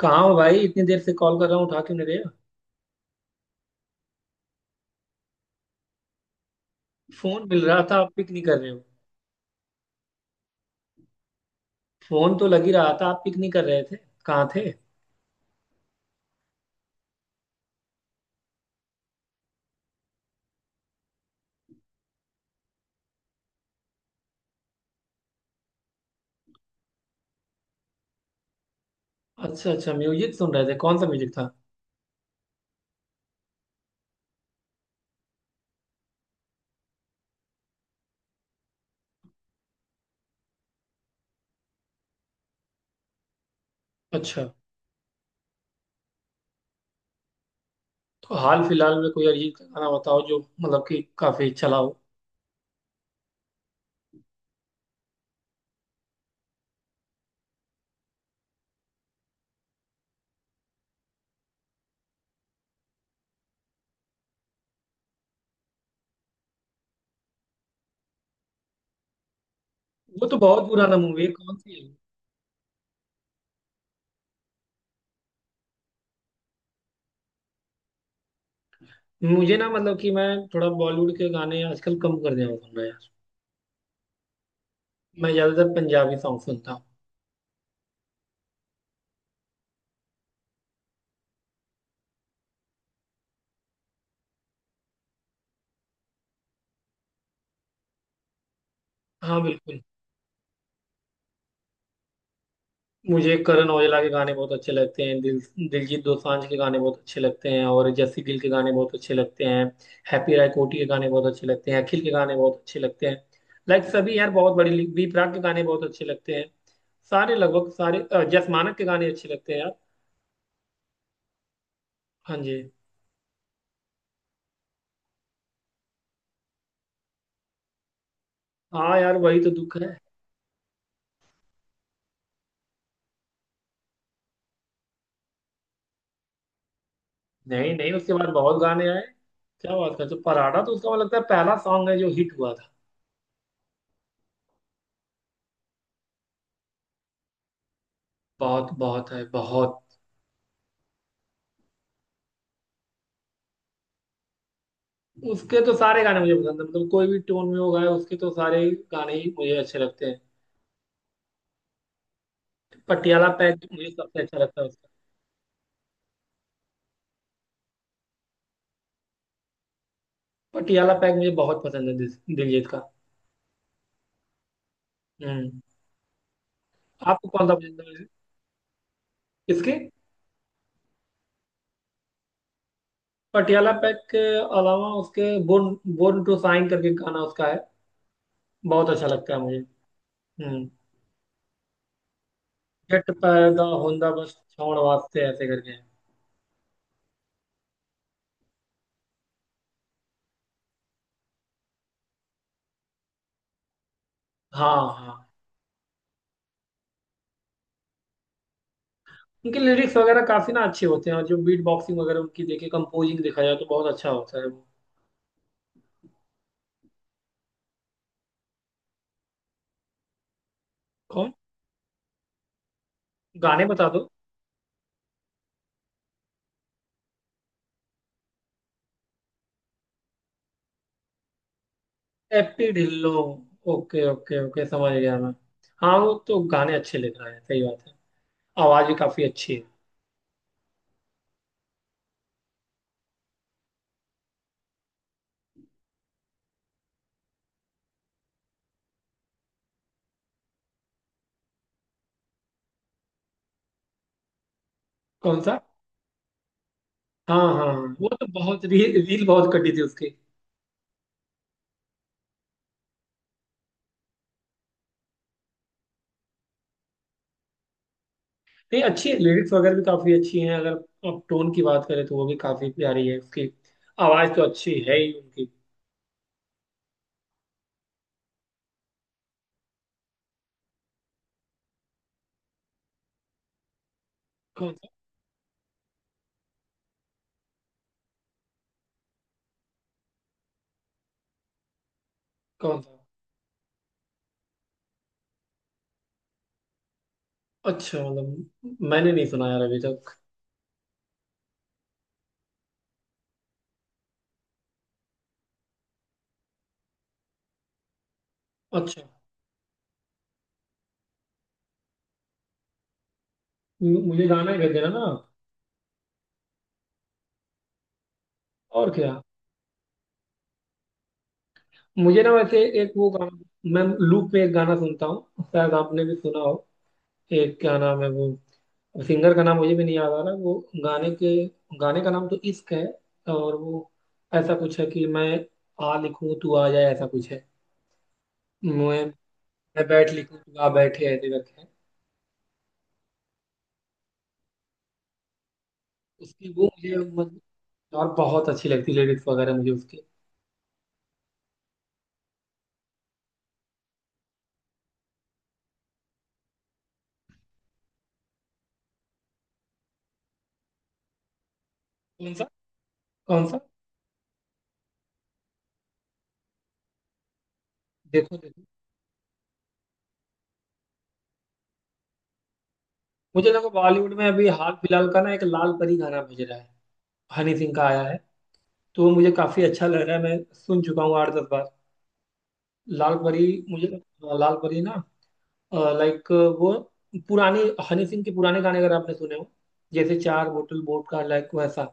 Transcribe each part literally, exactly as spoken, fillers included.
कहाँ हो भाई, इतनी देर से कॉल कर रहा हूँ, उठा क्यों नहीं रहे हो? फोन मिल रहा था, आप पिक नहीं कर रहे हो। फोन तो लग ही रहा था, आप पिक नहीं कर रहे थे। कहाँ थे? अच्छा अच्छा, म्यूजिक सुन रहे थे। कौन सा म्यूजिक था? अच्छा, तो हाल फिलहाल में कोई अरिजीत का गाना बताओ जो मतलब कि काफी चला हो। वो तो बहुत पुराना मूवी है, कौन सी है? मुझे ना मतलब कि मैं थोड़ा बॉलीवुड के गाने आजकल कम कर दिया हूँ सुनना यार। मैं ज्यादातर पंजाबी सॉन्ग सुनता हूँ। हाँ बिल्कुल। मुझे करण औजला के गाने बहुत अच्छे लगते हैं। दिल दिलजीत दोसांझ के गाने बहुत अच्छे लगते हैं, और जस्सी गिल के गाने बहुत अच्छे लगते हैं। हैप्पी राय कोटी के गाने बहुत अच्छे लगते हैं, अखिल के गाने बहुत अच्छे लगते हैं। लाइक सभी यार, बहुत बड़ी लीग। बी प्राक के गाने बहुत अच्छे लगते हैं। सारे, लगभग सारे, अ, जस मानक के गाने अच्छे लगते हैं यार। हाँ जी। हाँ यार, वही तो दुख है। नहीं नहीं, उसके बाद बहुत गाने आए। क्या बात करते हो? पराठा तो उसका मुझे लगता है पहला सॉन्ग है जो हिट हुआ था। बहुत बहुत है, बहुत। उसके तो सारे गाने मुझे पसंद है, मतलब कोई भी टोन में वो गाए उसके तो सारे ही गाने ही मुझे अच्छे लगते हैं। पटियाला पैग मुझे सबसे अच्छा लगता है उसका। पटियाला पैग मुझे बहुत पसंद है दिस- दिलजीत का। हम्म। आपको कौन सा पसंद है? इसके पटियाला पैग के अलावा उसके बोर्न बोर्न टू शाइन करके गाना उसका है, बहुत अच्छा लगता है मुझे। हम्म। जट पैदा होंदा बस छौड़ वास्ते ऐसे करके है। हाँ हाँ, उनके लिरिक्स वगैरह काफी ना अच्छे होते हैं, और जो बीट बॉक्सिंग वगैरह उनकी देखे, कंपोजिंग देखा जाए तो बहुत अच्छा होता है वो। कौन? गाने बता दो। Happy Dhillon. Okay okay okay, समझ गया मैं। हाँ वो तो गाने अच्छे लिख रहा है, सही बात है। आवाज भी काफी अच्छी है। कौन सा? हाँ हाँ हाँ, वो तो बहुत रील रील बहुत कटी थी उसकी। नहीं अच्छी है, लिरिक्स वगैरह भी काफी अच्छी हैं। अगर आप टोन की बात करें तो वो भी काफी प्यारी है उसकी। आवाज तो अच्छी है ही उनकी। कौन सा? कौन सा? अच्छा, मतलब मैंने नहीं सुना यार अभी तक। अच्छा, मु- मुझे गाना ही भेज देना ना। और क्या? मुझे ना वैसे एक वो गाना, मैं लूप में एक गाना सुनता हूँ, शायद आपने भी सुना हो। एक क्या नाम है वो? सिंगर का नाम मुझे भी नहीं याद आ रहा, वो गाने के, गाने का नाम तो इश्क है। और वो ऐसा कुछ है कि मैं आ लिखूं तू आ जाए, ऐसा कुछ है। मैं मैं बैठ लिखूं तू आ बैठे ऐसे करके है। उसकी वो मुझे मतलब, और बहुत अच्छी लगती लिरिक्स वगैरह मुझे उसके। कौन सा? कौन सा? देखो देखो। मुझे देखो बॉलीवुड में अभी हाल फिलहाल का ना, एक लाल परी गाना बज रहा है, हनी सिंह का आया है। तो वो मुझे काफी अच्छा लग रहा है, मैं सुन चुका हूँ आठ दस बार। लाल परी। मुझे हाँ, लाल परी ना, लाइक वो पुराने, हनी सिंह के पुराने गाने अगर आपने सुने हो, जैसे चार बोतल वोट का लाइक वैसा,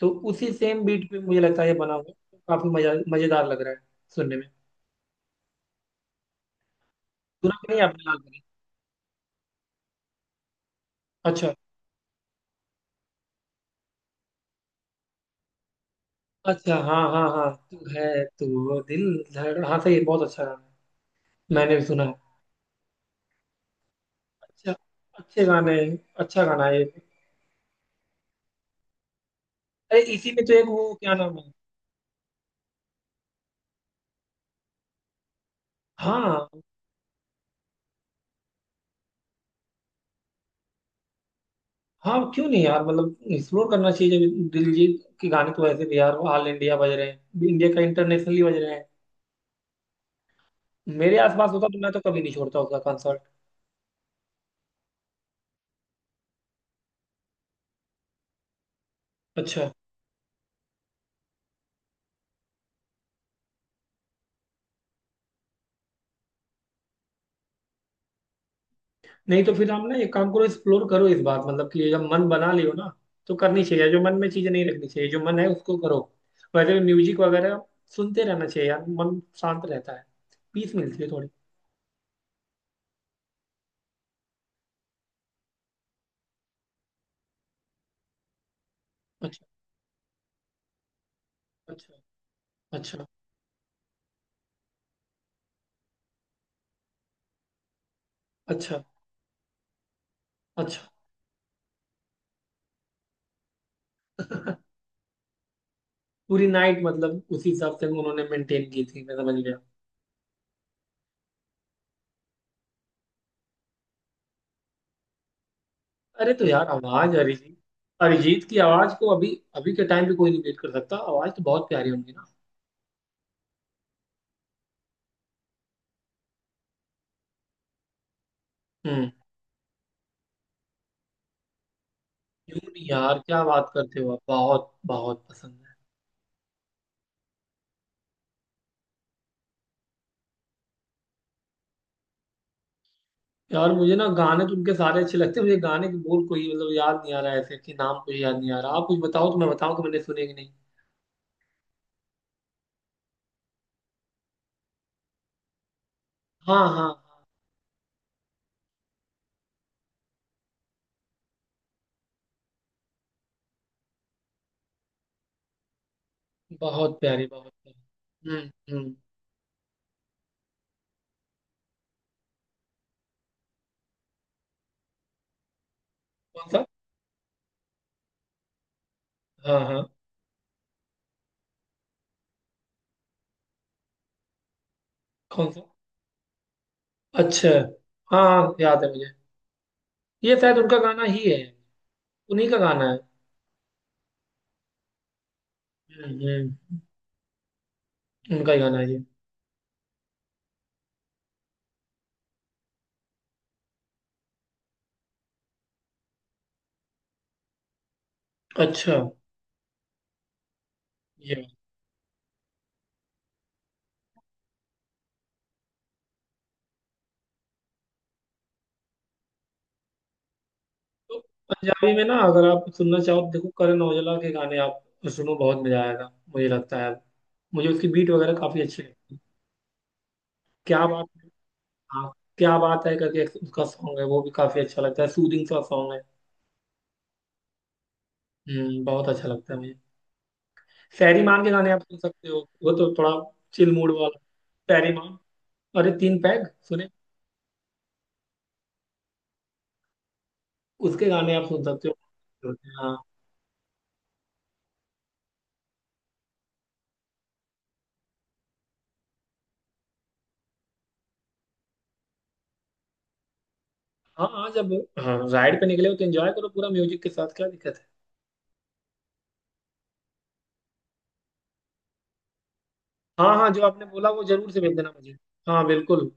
तो उसी सेम बीट पे मुझे लगता है ये बना हुआ है, तो काफी मजा, मजेदार लग रहा है सुनने में। सुना कि नहीं आपने लाल परी? अच्छा। अच्छा हाँ हाँ हाँ, तू है। तू, वो दिल धड़, हाँ, सही है, बहुत अच्छा गाना है, मैंने भी सुना है। अच्छा। अच्छे गाने हैं, अच्छा गाना है ये। अरे इसी में तो एक वो क्या नाम है। हाँ हाँ, क्यों नहीं यार, मतलब एक्सप्लोर करना चाहिए। जब दिलजीत के गाने तो वैसे भी यार ऑल इंडिया बज रहे हैं, इंडिया का, इंटरनेशनली बज रहे हैं। मेरे आसपास होता तो मैं तो कभी नहीं छोड़ता उसका कंसर्ट। अच्छा, नहीं तो फिर आप ना एक काम करो, एक्सप्लोर करो इस बार। मतलब कि जब मन बना लियो ना तो करनी चाहिए। जो मन में चीजें नहीं रखनी चाहिए, जो मन है उसको करो। वैसे भी म्यूजिक वगैरह सुनते रहना चाहिए यार, मन शांत रहता है, पीस मिलती है थोड़ी। अच्छा। अच्छा। अच्छा। अच्छा। अच्छा। पूरी नाइट मतलब उसी हिसाब से उन्होंने मेंटेन की थी, मैं समझ गया। अरे तो यार, आवाज अरिजीत, अरिजीत की आवाज को अभी, अभी के टाइम पे कोई नहीं बीट कर सकता। आवाज तो बहुत प्यारी होंगी ना। हम्म। क्यों नहीं यार, क्या बात करते हो आप, बहुत बहुत पसंद है। यार मुझे ना गाने तो उनके सारे अच्छे लगते हैं, मुझे गाने के बोल कोई मतलब याद नहीं आ रहा है ऐसे, कि नाम कोई याद नहीं आ रहा। आप कुछ बताओ तो मैं बताऊं कि मैंने सुने कि नहीं। हाँ हाँ हाँ। बहुत प्यारी, बहुत प्यारी। हम्म हम्म। कौन सा? हाँ हाँ। कौन सा? अच्छा। हाँ हाँ, याद है मुझे। ये शायद उनका गाना ही है। उन्हीं का गाना है। हम्म हम्म। उनका ही गाना है ये। अच्छा। ये, तो पंजाबी में ना अगर आप सुनना चाहो तो देखो, करण औजला के गाने आप सुनो, बहुत मजा आएगा। मुझे लगता है मुझे उसकी बीट वगैरह काफी अच्छी लगती है। क्या बात है। हाँ। क्या बात है करके एक उसका सॉन्ग है, वो भी काफी अच्छा लगता है, सूदिंग सा सॉन्ग है। हम्म, बहुत अच्छा लगता है मुझे। फैरी मान के गाने आप सुन सकते हो, वो तो थोड़ा चिल मूड वाला। फैरी मान। अरे तीन पैग सुने। उसके गाने आप सुन सकते हो। हाँ हाँ हाँ, जब, हाँ राइड पे निकले हो तो एंजॉय करो पूरा म्यूजिक के साथ, क्या दिक्कत है। हाँ हाँ, जो आपने बोला वो जरूर से भेज देना मुझे। हाँ बिल्कुल।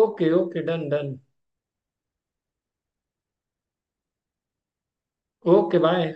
Okay okay, done done. Okay bye.